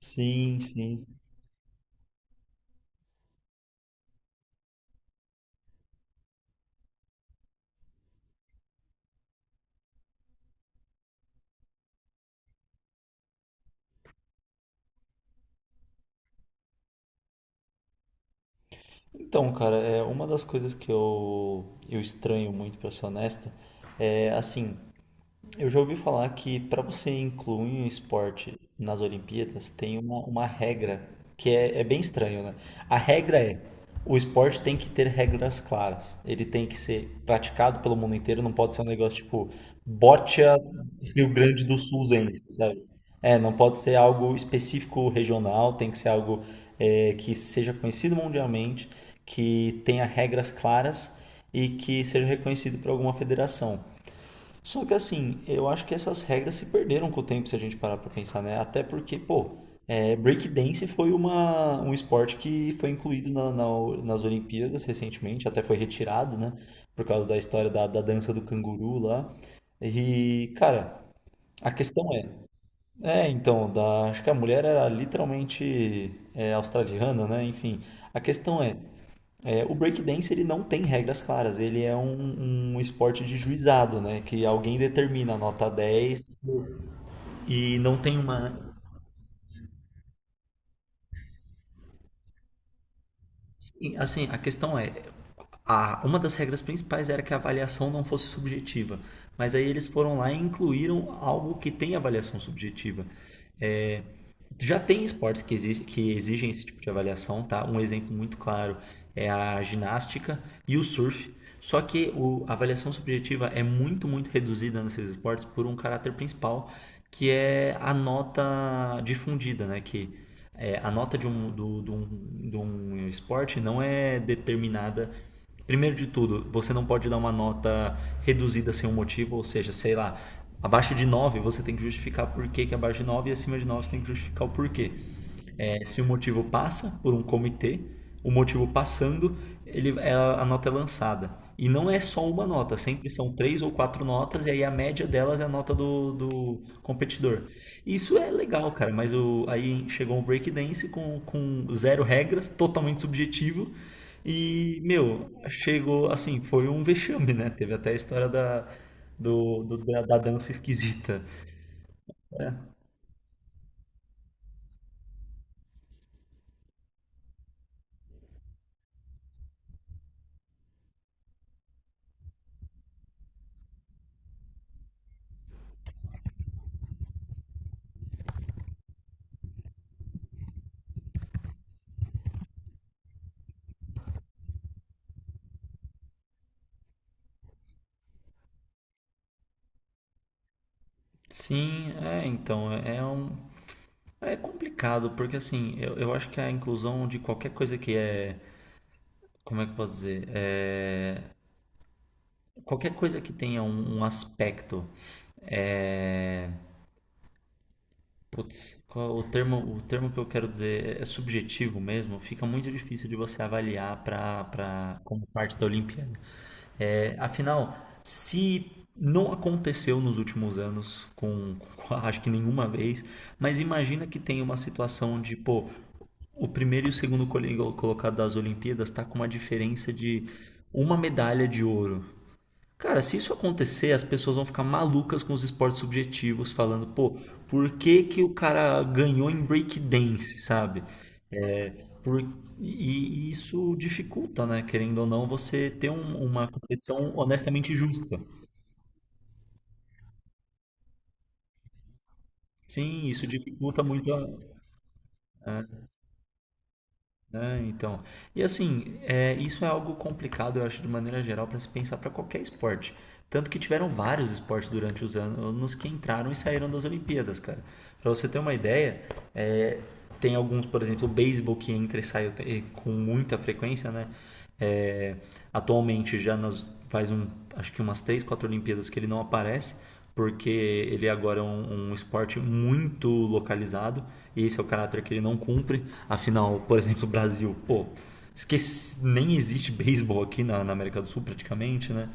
Sim, sim. Então, cara, é uma das coisas que eu estranho muito, pra ser honesto, é assim, eu já ouvi falar que para você incluir um esporte nas Olimpíadas tem uma regra que é, é bem estranho, né? A regra é, o esporte tem que ter regras claras. Ele tem que ser praticado pelo mundo inteiro, não pode ser um negócio tipo Boccia Rio Grande do Sulzense, sabe? Não pode ser algo específico regional, tem que ser algo que seja conhecido mundialmente, que tenha regras claras e que seja reconhecido por alguma federação. Só que assim, eu acho que essas regras se perderam com o tempo se a gente parar pra pensar, né? Até porque, pô, breakdance foi um esporte que foi incluído nas Olimpíadas recentemente, até foi retirado, né? Por causa da história da dança do canguru lá. E, cara, a questão é. É, então, da, acho que a mulher era literalmente australiana, né? Enfim, a questão é. É, o breakdance ele não tem regras claras, ele é um esporte de juizado, né? Que alguém determina a nota 10 e não tem uma. Sim, assim, a questão é, uma das regras principais era que a avaliação não fosse subjetiva, mas aí eles foram lá e incluíram algo que tem avaliação subjetiva. É, já tem esportes que, que exigem esse tipo de avaliação, tá? Um exemplo muito claro é a ginástica e o surf. Só que a avaliação subjetiva é muito, muito reduzida nesses esportes por um caráter principal, que é a nota difundida, né? Que é, a nota de de um esporte não é determinada. Primeiro de tudo, você não pode dar uma nota reduzida sem um motivo, ou seja, sei lá, abaixo de 9 você tem que justificar por que que é abaixo de 9 e acima de 9 você tem que justificar o porquê. É, se o motivo passa por um comitê, o motivo passando, ele, a nota é lançada. E não é só uma nota, sempre são três ou quatro notas, e aí a média delas é a nota do competidor. Isso é legal, cara, mas o, aí chegou o breakdance com zero regras, totalmente subjetivo, e, meu, chegou assim, foi um vexame, né? Teve até a história da, do, do- da, da dança esquisita. É, É um. É complicado, porque assim, eu acho que a inclusão de qualquer coisa que é. Como é que eu posso dizer? É, qualquer coisa que tenha um aspecto. É, putz, qual o termo que eu quero dizer é subjetivo mesmo, fica muito difícil de você avaliar como parte da Olimpíada. É, afinal, se não aconteceu nos últimos anos acho que nenhuma vez, mas imagina que tem uma situação de, pô, o primeiro e o segundo colocado das Olimpíadas tá com uma diferença de uma medalha de ouro. Cara, se isso acontecer, as pessoas vão ficar malucas com os esportes subjetivos, falando, pô, por que que o cara ganhou em breakdance, sabe? Por- e isso dificulta, né? Querendo ou não, você ter uma competição honestamente justa. Sim, isso dificulta muito a, é, então. E assim, é, isso é algo complicado, eu acho, de maneira geral, para se pensar para qualquer esporte. Tanto que tiveram vários esportes durante os anos que entraram e saíram das Olimpíadas, cara. Para você ter uma ideia, é, tem alguns, por exemplo, o beisebol que entra e sai com muita frequência, né? É, atualmente já nas, faz um, acho que umas três, quatro Olimpíadas que ele não aparece porque ele agora é um esporte muito localizado e esse é o caráter que ele não cumpre. Afinal, por exemplo, o Brasil, pô, esqueci, nem existe beisebol aqui na, na América do Sul praticamente, né?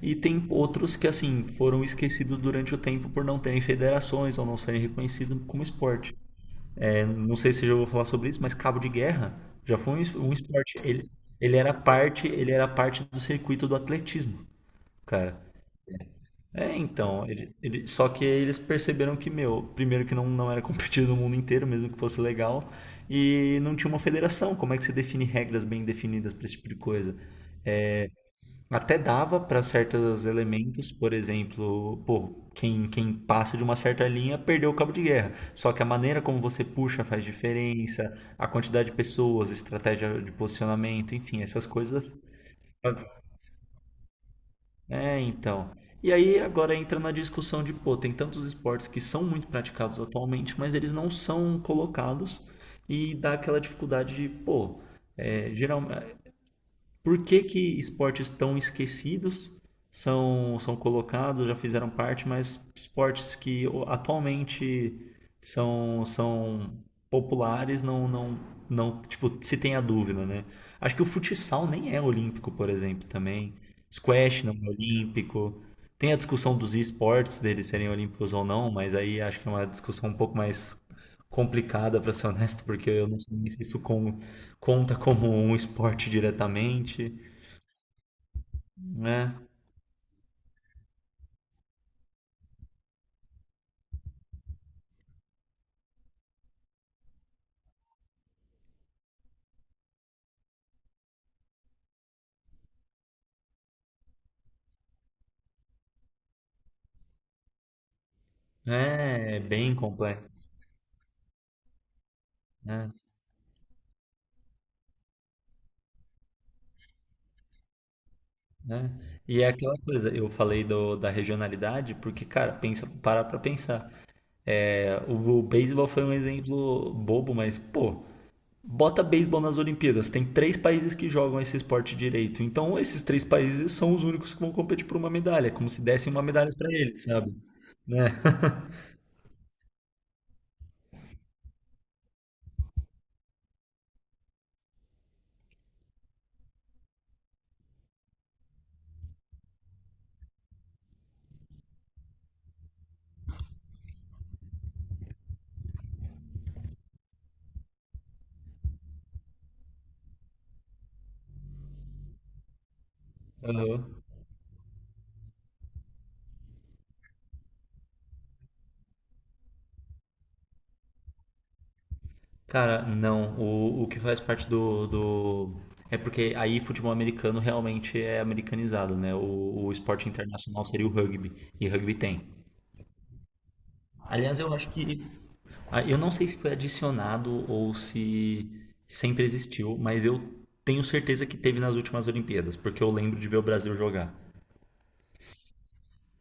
E tem outros que, assim, foram esquecidos durante o tempo por não terem federações ou não serem reconhecidos como esporte. É, não sei se eu já vou falar sobre isso, mas cabo de guerra já foi um esporte. Ele, ele era parte do circuito do atletismo, cara. É, então, só que eles perceberam que, meu, primeiro que não era competido no mundo inteiro, mesmo que fosse legal, e não tinha uma federação. Como é que você define regras bem definidas para esse tipo de coisa? Até dava para certos elementos, por exemplo, pô, quem passa de uma certa linha perdeu o cabo de guerra. Só que a maneira como você puxa faz diferença, a quantidade de pessoas, estratégia de posicionamento, enfim, essas coisas. É, então. E aí agora entra na discussão de, pô, tem tantos esportes que são muito praticados atualmente, mas eles não são colocados e dá aquela dificuldade de, pô, é, geral, por que que esportes tão esquecidos são colocados, já fizeram parte, mas esportes que atualmente são populares não, não, não, tipo, se tem a dúvida, né? Acho que o futsal nem é olímpico, por exemplo, também. Squash não é olímpico. Tem a discussão dos esportes, deles serem olímpicos ou não, mas aí acho que é uma discussão um pouco mais complicada, para ser honesto, porque eu não sei nem se isso conta como um esporte diretamente, né? É é bem complexo, né? né? E é aquela coisa, eu falei da regionalidade, porque, cara, pensa, para pra pensar. É, o beisebol foi um exemplo bobo, mas, pô, bota beisebol nas Olimpíadas. Tem três países que jogam esse esporte direito. Então, esses três países são os únicos que vão competir por uma medalha. É como se dessem uma medalha pra eles, sabe? Né? Cara, não. O que faz parte do. É porque aí futebol americano realmente é americanizado, né? O esporte internacional seria o rugby. E rugby tem. Aliás, eu acho que. Eu não sei se foi adicionado ou se sempre existiu, mas eu tenho certeza que teve nas últimas Olimpíadas, porque eu lembro de ver o Brasil jogar,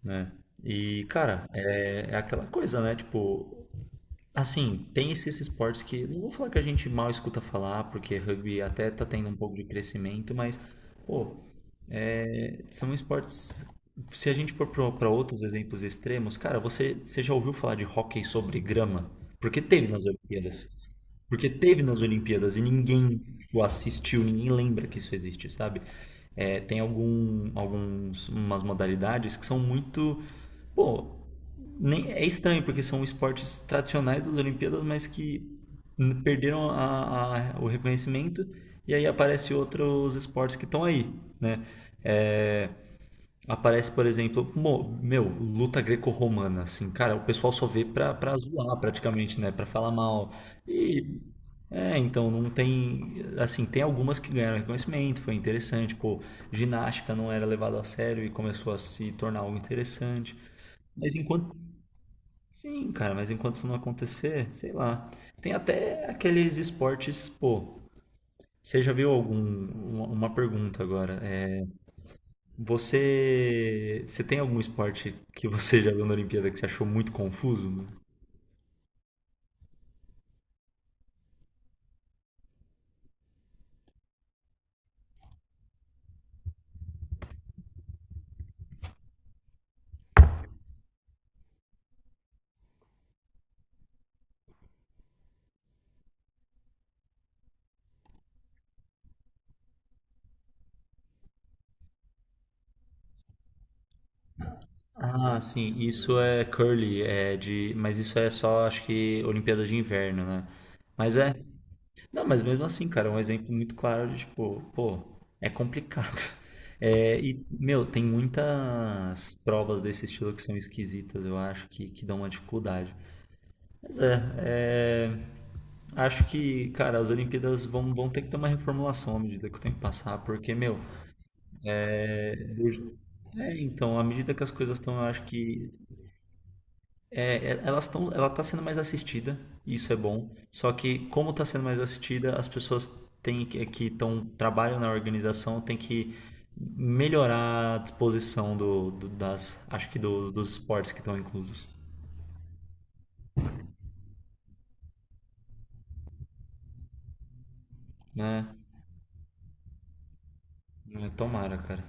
né? E, cara, é, é aquela coisa, né? Tipo, assim, tem esses esportes que, não vou falar que a gente mal escuta falar, porque rugby até tá tendo um pouco de crescimento, mas, pô, são esportes. Se a gente for para outros exemplos extremos, cara, você já ouviu falar de hóquei sobre grama? Porque teve nas Olimpíadas. Porque teve nas Olimpíadas e ninguém o assistiu, ninguém lembra que isso existe, sabe? É, tem alguns, umas modalidades que são muito. Pô, nem, é estranho, porque são esportes tradicionais das Olimpíadas, mas que perderam o reconhecimento e aí aparecem outros esportes que estão aí, né? É, aparece, por exemplo, meu, luta greco-romana, assim, cara, o pessoal só vê pra, pra zoar praticamente, né? Pra falar mal. E. É, então, não tem. Assim, tem algumas que ganharam reconhecimento, foi interessante, pô, ginástica não era levado a sério e começou a se tornar algo interessante. Mas enquanto. Sim, cara, mas enquanto isso não acontecer, sei lá. Tem até aqueles esportes, pô. Você já viu algum. Uma pergunta agora. É, você tem algum esporte que você já viu na Olimpíada que você achou muito confuso, mano? Ah, sim, isso é curly, é de, mas isso é só, acho que Olimpíadas de Inverno, né? Mas é, não, mas mesmo assim, cara, é um exemplo muito claro de tipo, pô, é complicado. É, e meu, tem muitas provas desse estilo que são esquisitas, eu acho que dão uma dificuldade. Pois é, é, acho que, cara, as Olimpíadas vão ter que ter uma reformulação à medida que o tempo passar, porque, meu, é, do- é, então, à medida que as coisas estão, eu acho que elas estão, ela está sendo mais assistida, e isso é bom. Só que como está sendo mais assistida, as pessoas têm que trabalham na organização têm que melhorar a disposição das, acho que dos esportes que estão inclusos, né? É, tomara, cara.